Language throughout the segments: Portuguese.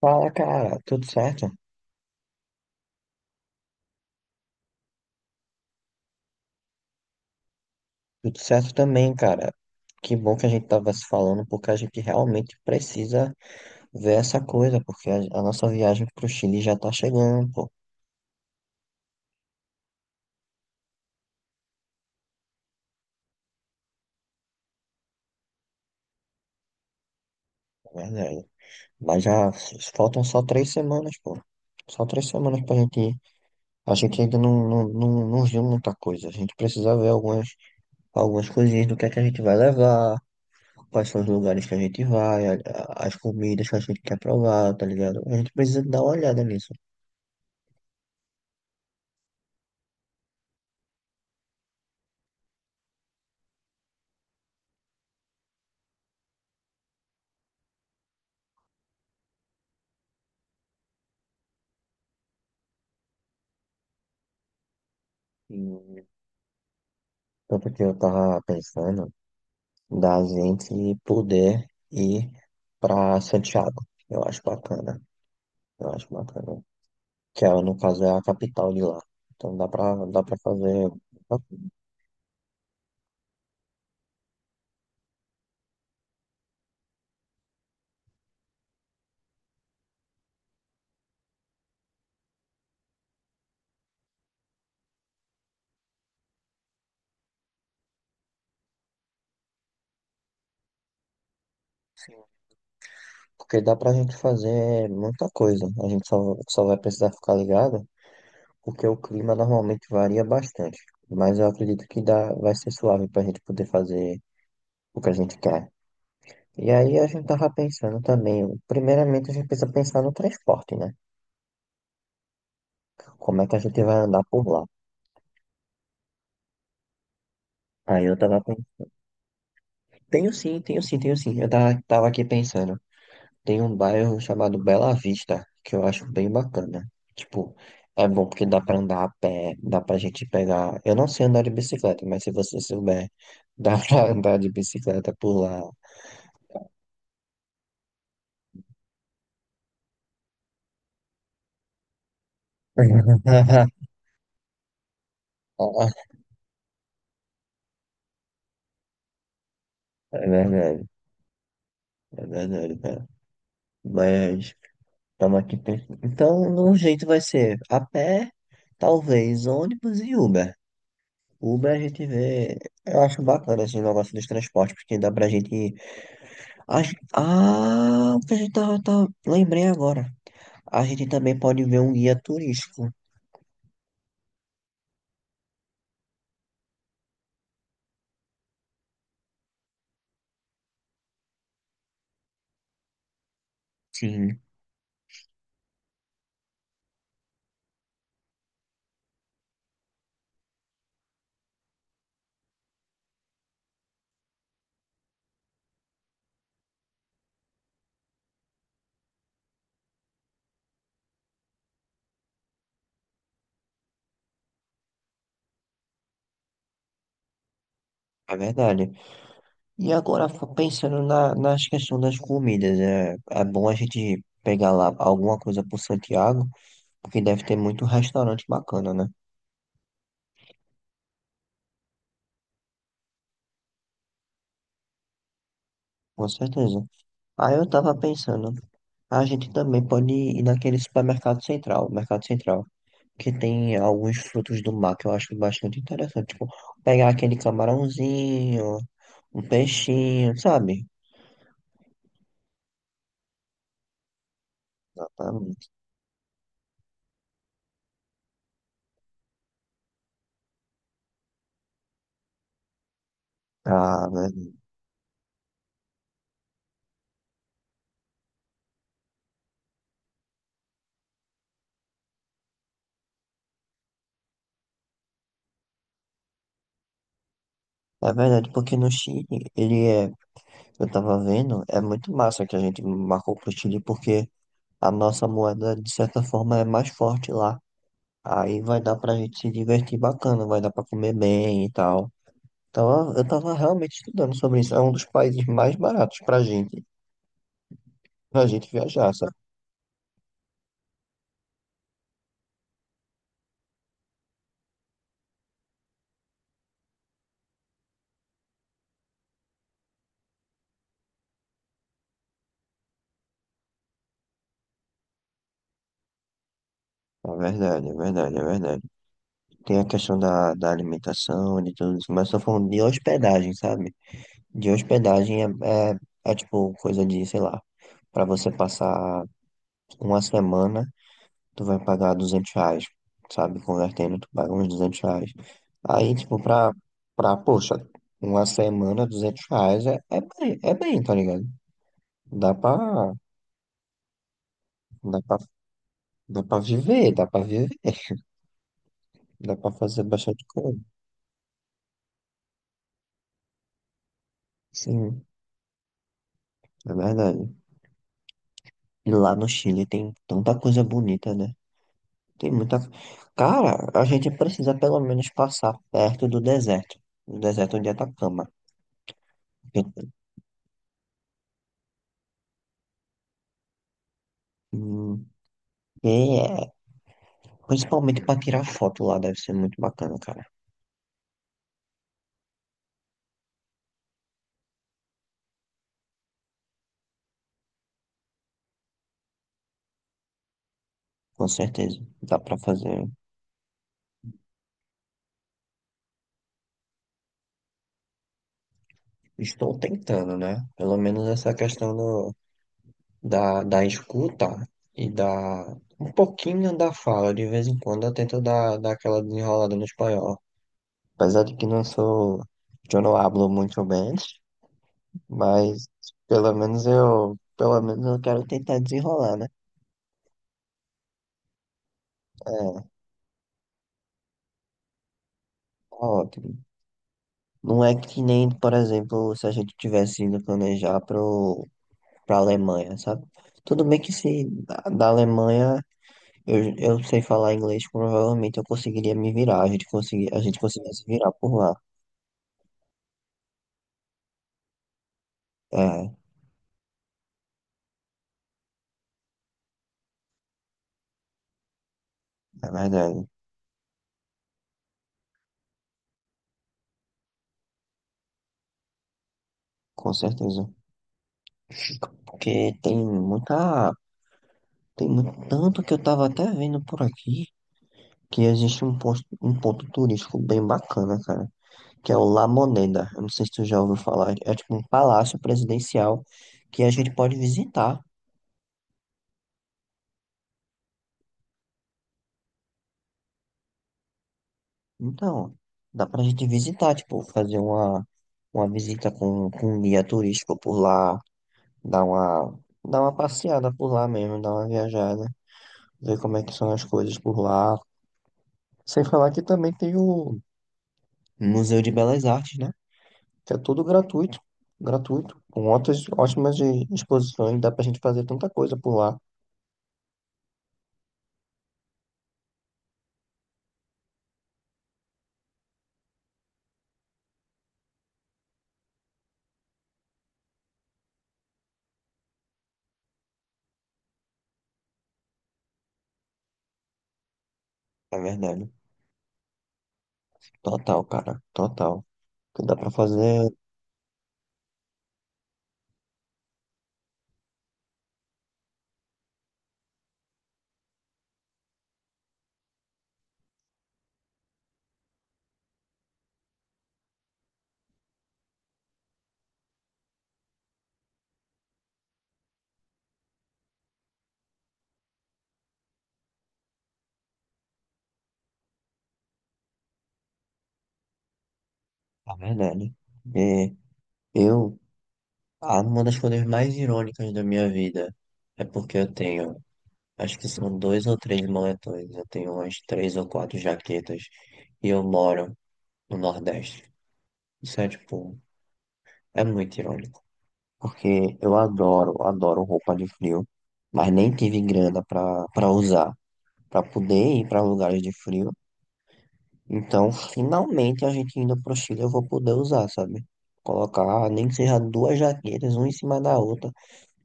Fala, cara, tudo certo? Tudo certo também, cara. Que bom que a gente tava se falando, porque a gente realmente precisa ver essa coisa, porque a nossa viagem pro Chile já tá chegando, pô, na verdade. Mas já faltam só 3 semanas, pô. Só 3 semanas pra gente ir. A gente ainda não viu muita coisa. A gente precisa ver algumas coisinhas do que é que a gente vai levar, quais são os lugares que a gente vai, as comidas que a gente quer provar, tá ligado? A gente precisa dar uma olhada nisso. Tanto que eu tava pensando da gente poder ir pra Santiago. Eu acho bacana. Eu acho bacana. Que é, no caso é a capital de lá. Então dá pra fazer. Sim. Porque dá pra gente fazer muita coisa. A gente só vai precisar ficar ligado, porque o clima normalmente varia bastante. Mas eu acredito que dá, vai ser suave pra gente poder fazer o que a gente quer. E aí a gente tava pensando também, primeiramente a gente precisa pensar no transporte, né? Como é que a gente vai andar por lá? Aí eu tava pensando, tenho sim, tenho sim, tenho sim. Eu tava aqui pensando, tem um bairro chamado Bela Vista, que eu acho bem bacana. Tipo, é bom porque dá pra andar a pé, dá pra gente pegar. Eu não sei andar de bicicleta, mas se você souber, dá pra andar de bicicleta por lá. É verdade, é verdade, cara. Mas estamos aqui pensando. Então, no jeito vai ser a pé, talvez ônibus e Uber. O Uber a gente vê. Eu acho bacana esse negócio dos transportes, porque dá pra gente. Ah, o que a gente tá, lembrei agora. A gente também pode ver um guia turístico. Sim, é verdade. E agora, pensando nas questões das comidas, é bom a gente pegar lá alguma coisa por Santiago, porque deve ter muito restaurante bacana, né? Com certeza. Aí eu tava pensando, a gente também pode ir naquele supermercado central, Mercado Central, que tem alguns frutos do mar que eu acho bastante interessante. Tipo, pegar aquele camarãozinho, um peixinho, sabe? Exatamente. Ah, verdade. É verdade, porque no Chile, ele é, eu tava vendo, é muito massa que a gente marcou pro Chile, porque a nossa moeda, de certa forma, é mais forte lá. Aí vai dar pra gente se divertir bacana, vai dar pra comer bem e tal. Então, eu tava realmente estudando sobre isso. É um dos países mais baratos pra gente viajar, sabe? É verdade, é verdade, é verdade. Tem a questão da, da alimentação, de tudo isso, mas tô falando de hospedagem, sabe? De hospedagem é tipo coisa de, sei lá, pra você passar uma semana, tu vai pagar R$ 200, sabe? Convertendo, tu paga uns R$ 200. Aí, tipo, poxa, uma semana, R$ 200 é bem, tá ligado? Dá pra, dá pra, dá pra viver, dá pra fazer bastante coisa. Sim, é verdade. E lá no Chile tem tanta coisa bonita, né? Tem muita. Cara, a gente precisa pelo menos passar perto do deserto de Atacama. Porque, hum, e é- principalmente para tirar foto lá deve ser muito bacana, cara. Com certeza. Dá para fazer. Estou tentando, né? Pelo menos essa questão da escuta e da. Um pouquinho da fala, de vez em quando eu tento dar aquela desenrolada no espanhol. Apesar de que não sou, eu não hablo muito bem, mas pelo menos eu quero tentar desenrolar, né? É, tá ótimo. Não é que nem, por exemplo, se a gente tivesse ido planejar pra Alemanha, sabe? Tudo bem que se da Alemanha eu sei falar inglês, provavelmente eu conseguiria me virar, a gente conseguiria se virar por lá. É, é verdade, com certeza. Porque tem muita Tem muito, tanto que eu tava até vendo por aqui que existe um ponto turístico bem bacana, cara, que é o La Moneda. Eu não sei se tu já ouviu falar. É tipo um palácio presidencial que a gente pode visitar. Então, dá pra gente visitar, tipo, fazer uma visita com um guia turístico por lá, dar uma, dar uma passeada por lá mesmo, dar uma viajada, ver como é que são as coisas por lá. Sem falar que também tem o Museu de Belas Artes, né? Que é tudo gratuito, gratuito, com ótimas exposições, dá pra gente fazer tanta coisa por lá. É verdade. Total, cara, total. Que dá pra fazer, é verdade. E eu, ah, uma das coisas mais irônicas da minha vida é porque acho que são dois ou três moletões, eu tenho umas três ou quatro jaquetas e eu moro no Nordeste. Isso é tipo, é muito irônico. Porque eu adoro roupa de frio, mas nem tive grana pra usar, pra poder ir pra lugares de frio. Então, finalmente, a gente indo pro Chile, eu vou poder usar, sabe? Colocar, nem que seja duas jaquetas, uma em cima da outra.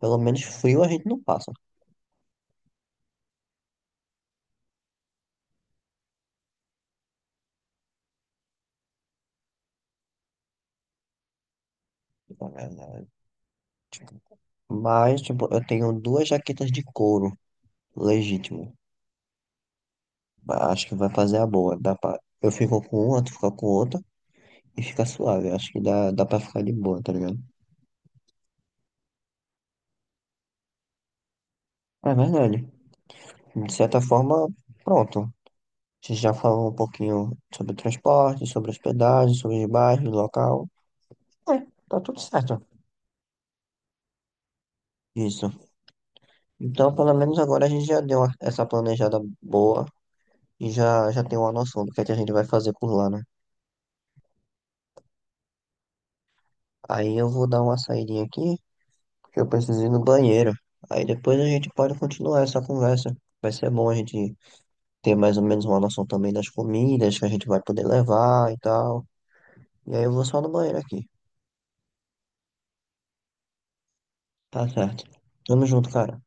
Pelo menos frio a gente não passa. É, né, tipo, mas, tipo, eu tenho duas jaquetas de couro, legítimo. Acho que vai fazer a boa. Dá pra... Eu fico com uma, tu fica com outra, e fica suave. Acho que dá pra ficar de boa, tá ligado? É verdade. De certa forma, pronto. Você já falou um pouquinho sobre o transporte, sobre hospedagem, sobre os bairros, local. É, tá tudo certo. Isso. Então, pelo menos agora a gente já deu essa planejada boa e já tem uma noção do que é que a gente vai fazer por lá, né? Aí eu vou dar uma saidinha aqui, porque eu preciso ir no banheiro. Aí depois a gente pode continuar essa conversa. Vai ser bom a gente ter mais ou menos uma noção também das comidas que a gente vai poder levar e tal. E aí eu vou só no banheiro aqui. Tá certo. Tamo junto, cara.